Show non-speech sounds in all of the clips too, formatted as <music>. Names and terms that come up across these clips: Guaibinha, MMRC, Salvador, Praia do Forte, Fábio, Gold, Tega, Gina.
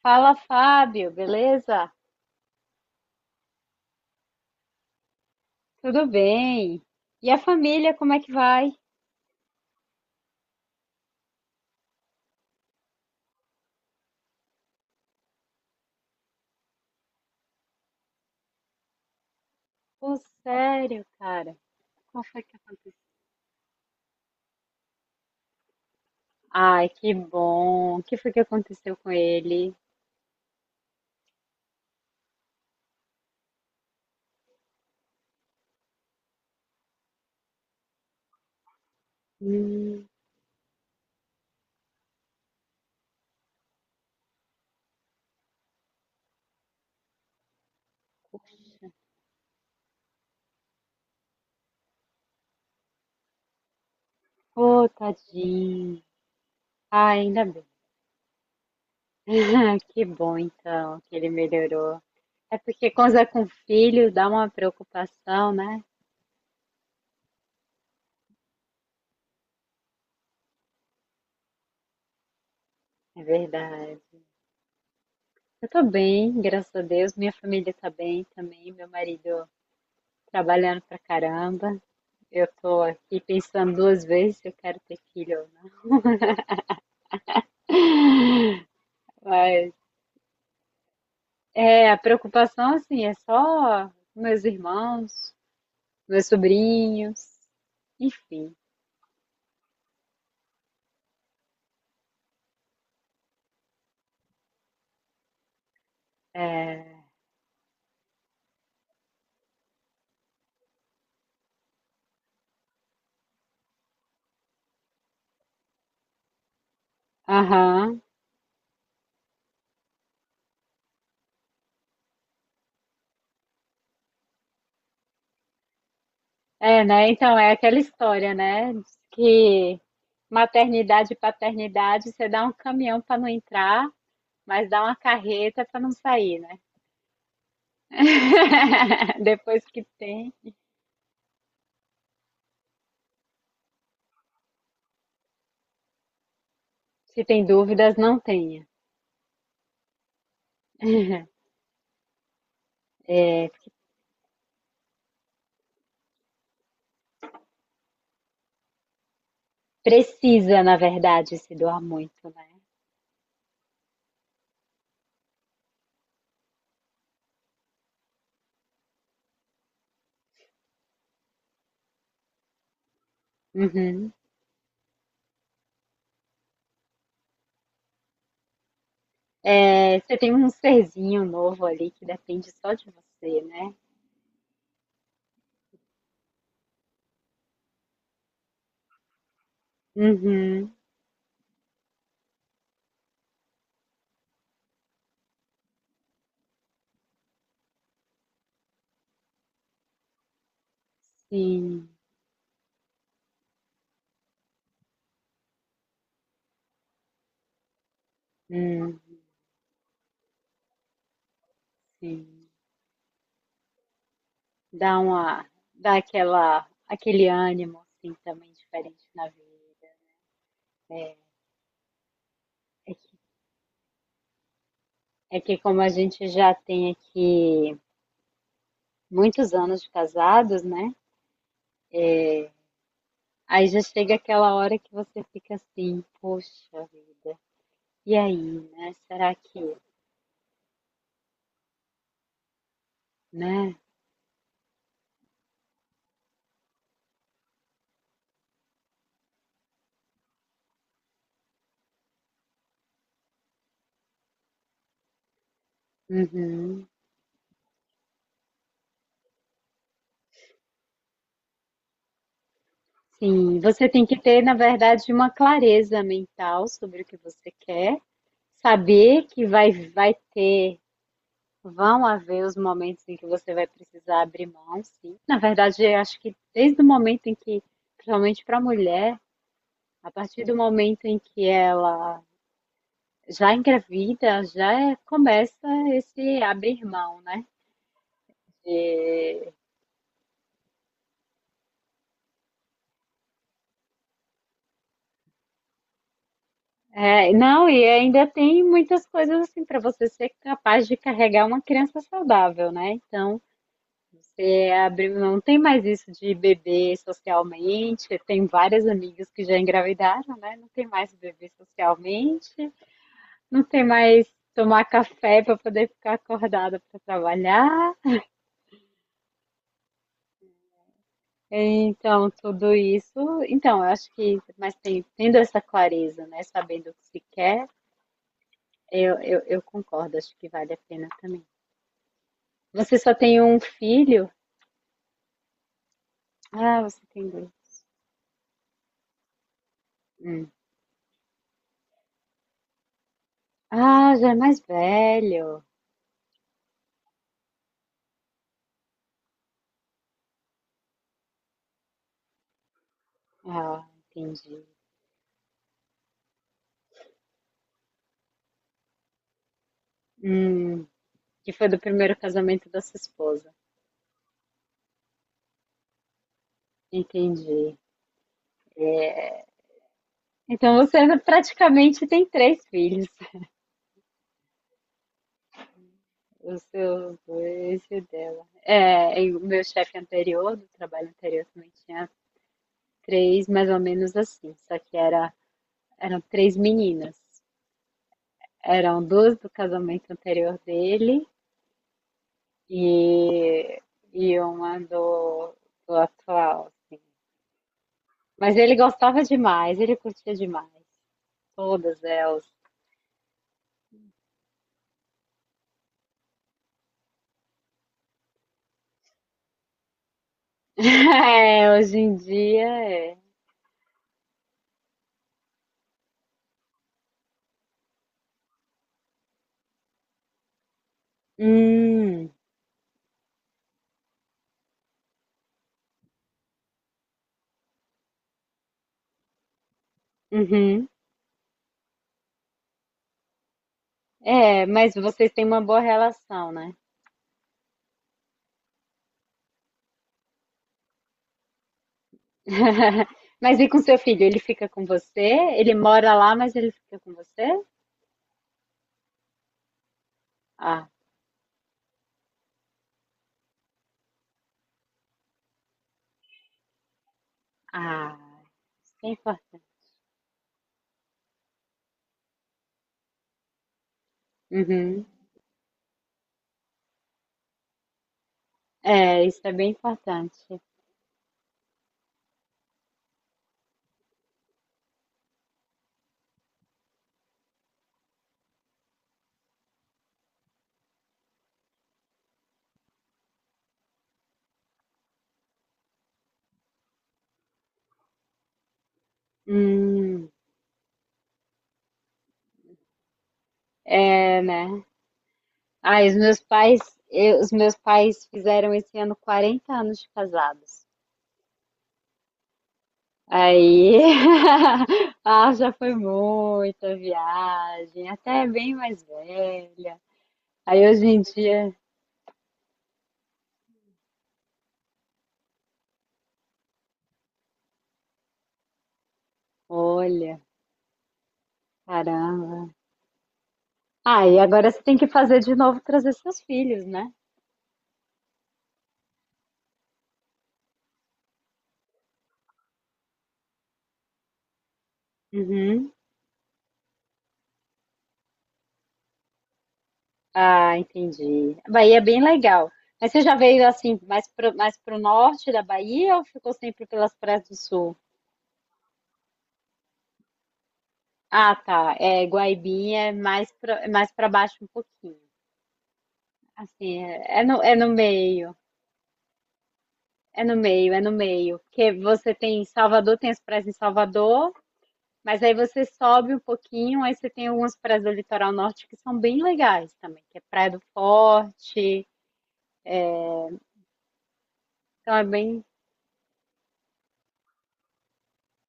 Fala, Fábio, beleza? Tudo bem? E a família, como é que vai? Pô, sério, cara. Qual foi que aconteceu? Ai, que bom. O que foi que aconteceu com ele? Hum, pô, tadinho. Ai, ainda bem. <laughs> Que bom, então, que ele melhorou. É porque quando é com filho dá uma preocupação, né? É verdade. Eu tô bem, graças a Deus. Minha família tá bem também. Meu marido trabalhando pra caramba. Eu tô aqui pensando duas vezes se eu quero ter filho ou não. Mas é, a preocupação assim é só meus irmãos, meus sobrinhos, enfim. É, aham. É, né? Então é aquela história, né? Diz que maternidade e paternidade, você dá um caminhão para não entrar, mas dá uma carreta para não sair, né? <laughs> Depois que tem, se tem dúvidas, não tenha. Precisa, na verdade, se doar muito, né? Uhum. É, você tem um serzinho novo ali que depende só de você, né? Uhum. Sim. Hum, sim. Dá uma, dá aquela, aquele ânimo, assim, também diferente na vida. É que, é que como a gente já tem aqui muitos anos de casados, né? Aí já chega aquela hora que você fica assim, poxa vida, e aí, né? Será que, né? Uhum. Sim, você tem que ter, na verdade, uma clareza mental sobre o que você quer, saber que vai, vai ter, vão haver os momentos em que você vai precisar abrir mão, sim. Na verdade, eu acho que desde o momento em que, principalmente para a mulher, a partir do momento em que ela já engravida, começa esse abrir mão, né? E- é, não, e ainda tem muitas coisas assim para você ser capaz de carregar uma criança saudável, né? Então, é, abriu, não tem mais isso de beber socialmente. Tem várias amigas que já engravidaram, né? Não tem mais beber socialmente. Não tem mais tomar café para poder ficar acordada para trabalhar. Então, tudo isso. Então, eu acho que, tendo essa clareza, né? Sabendo o que se quer, eu concordo, acho que vale a pena também. Você só tem um filho? Ah, você tem dois. Ah, já é mais velho. Ah, entendi. Hum, que foi do primeiro casamento da sua esposa. Entendi. Então você praticamente tem três filhos, os seus dois e o dela. É, e o meu chefe anterior, do trabalho anterior, também tinha três, mais ou menos assim, só que era, eram três meninas. Eram duas do casamento anterior dele e, e uma do, do atual, assim. Mas ele gostava demais, ele curtia demais. Todas elas, <laughs> é, hoje em dia é. Hum, uhum. É, mas vocês têm uma boa relação, né? <laughs> Mas e com seu filho? Ele fica com você? Ele mora lá, mas ele fica com você? Ah, ah, isso é importante. Uhum. É, isso é bem importante. Hum. Ah, e os meus pais, os meus pais fizeram esse ano 40 anos de casados. Aí, <laughs> ah, já foi muita viagem, até bem mais velha. Aí hoje em dia, olha, caramba. Ah, e agora você tem que fazer de novo trazer seus filhos, né? Uhum. Ah, entendi. A Bahia é bem legal. Mas você já veio assim, mais pro norte da Bahia ou ficou sempre pelas praias do sul? Ah, tá. É, Guaibinha é mais pra, é mais para baixo um pouquinho. Assim, é é no meio. É no meio, é no meio. Porque você tem Salvador, tem as praias em Salvador, mas aí você sobe um pouquinho, aí você tem algumas praias do litoral norte que são bem legais também, que é Praia do Forte. Então é bem.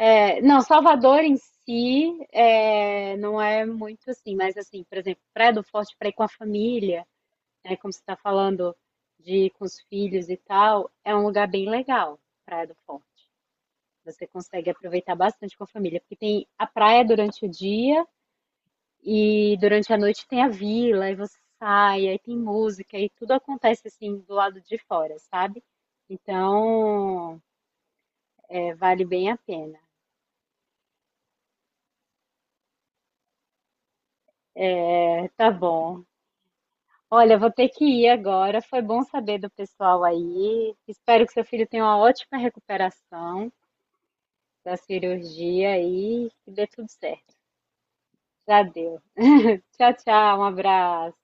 É, não, Salvador em si é, não é muito assim, mas assim, por exemplo, Praia do Forte para ir com a família, né, como você está falando de ir com os filhos e tal, é um lugar bem legal, Praia do Forte. Você consegue aproveitar bastante com a família, porque tem a praia durante o dia. E durante a noite tem a vila, aí você sai, aí tem música, e tudo acontece assim do lado de fora, sabe? Então, é, vale bem a pena. É, tá bom. Olha, vou ter que ir agora. Foi bom saber do pessoal aí. Espero que seu filho tenha uma ótima recuperação da cirurgia e que dê tudo certo. Já deu. Tchau, tchau. Um abraço.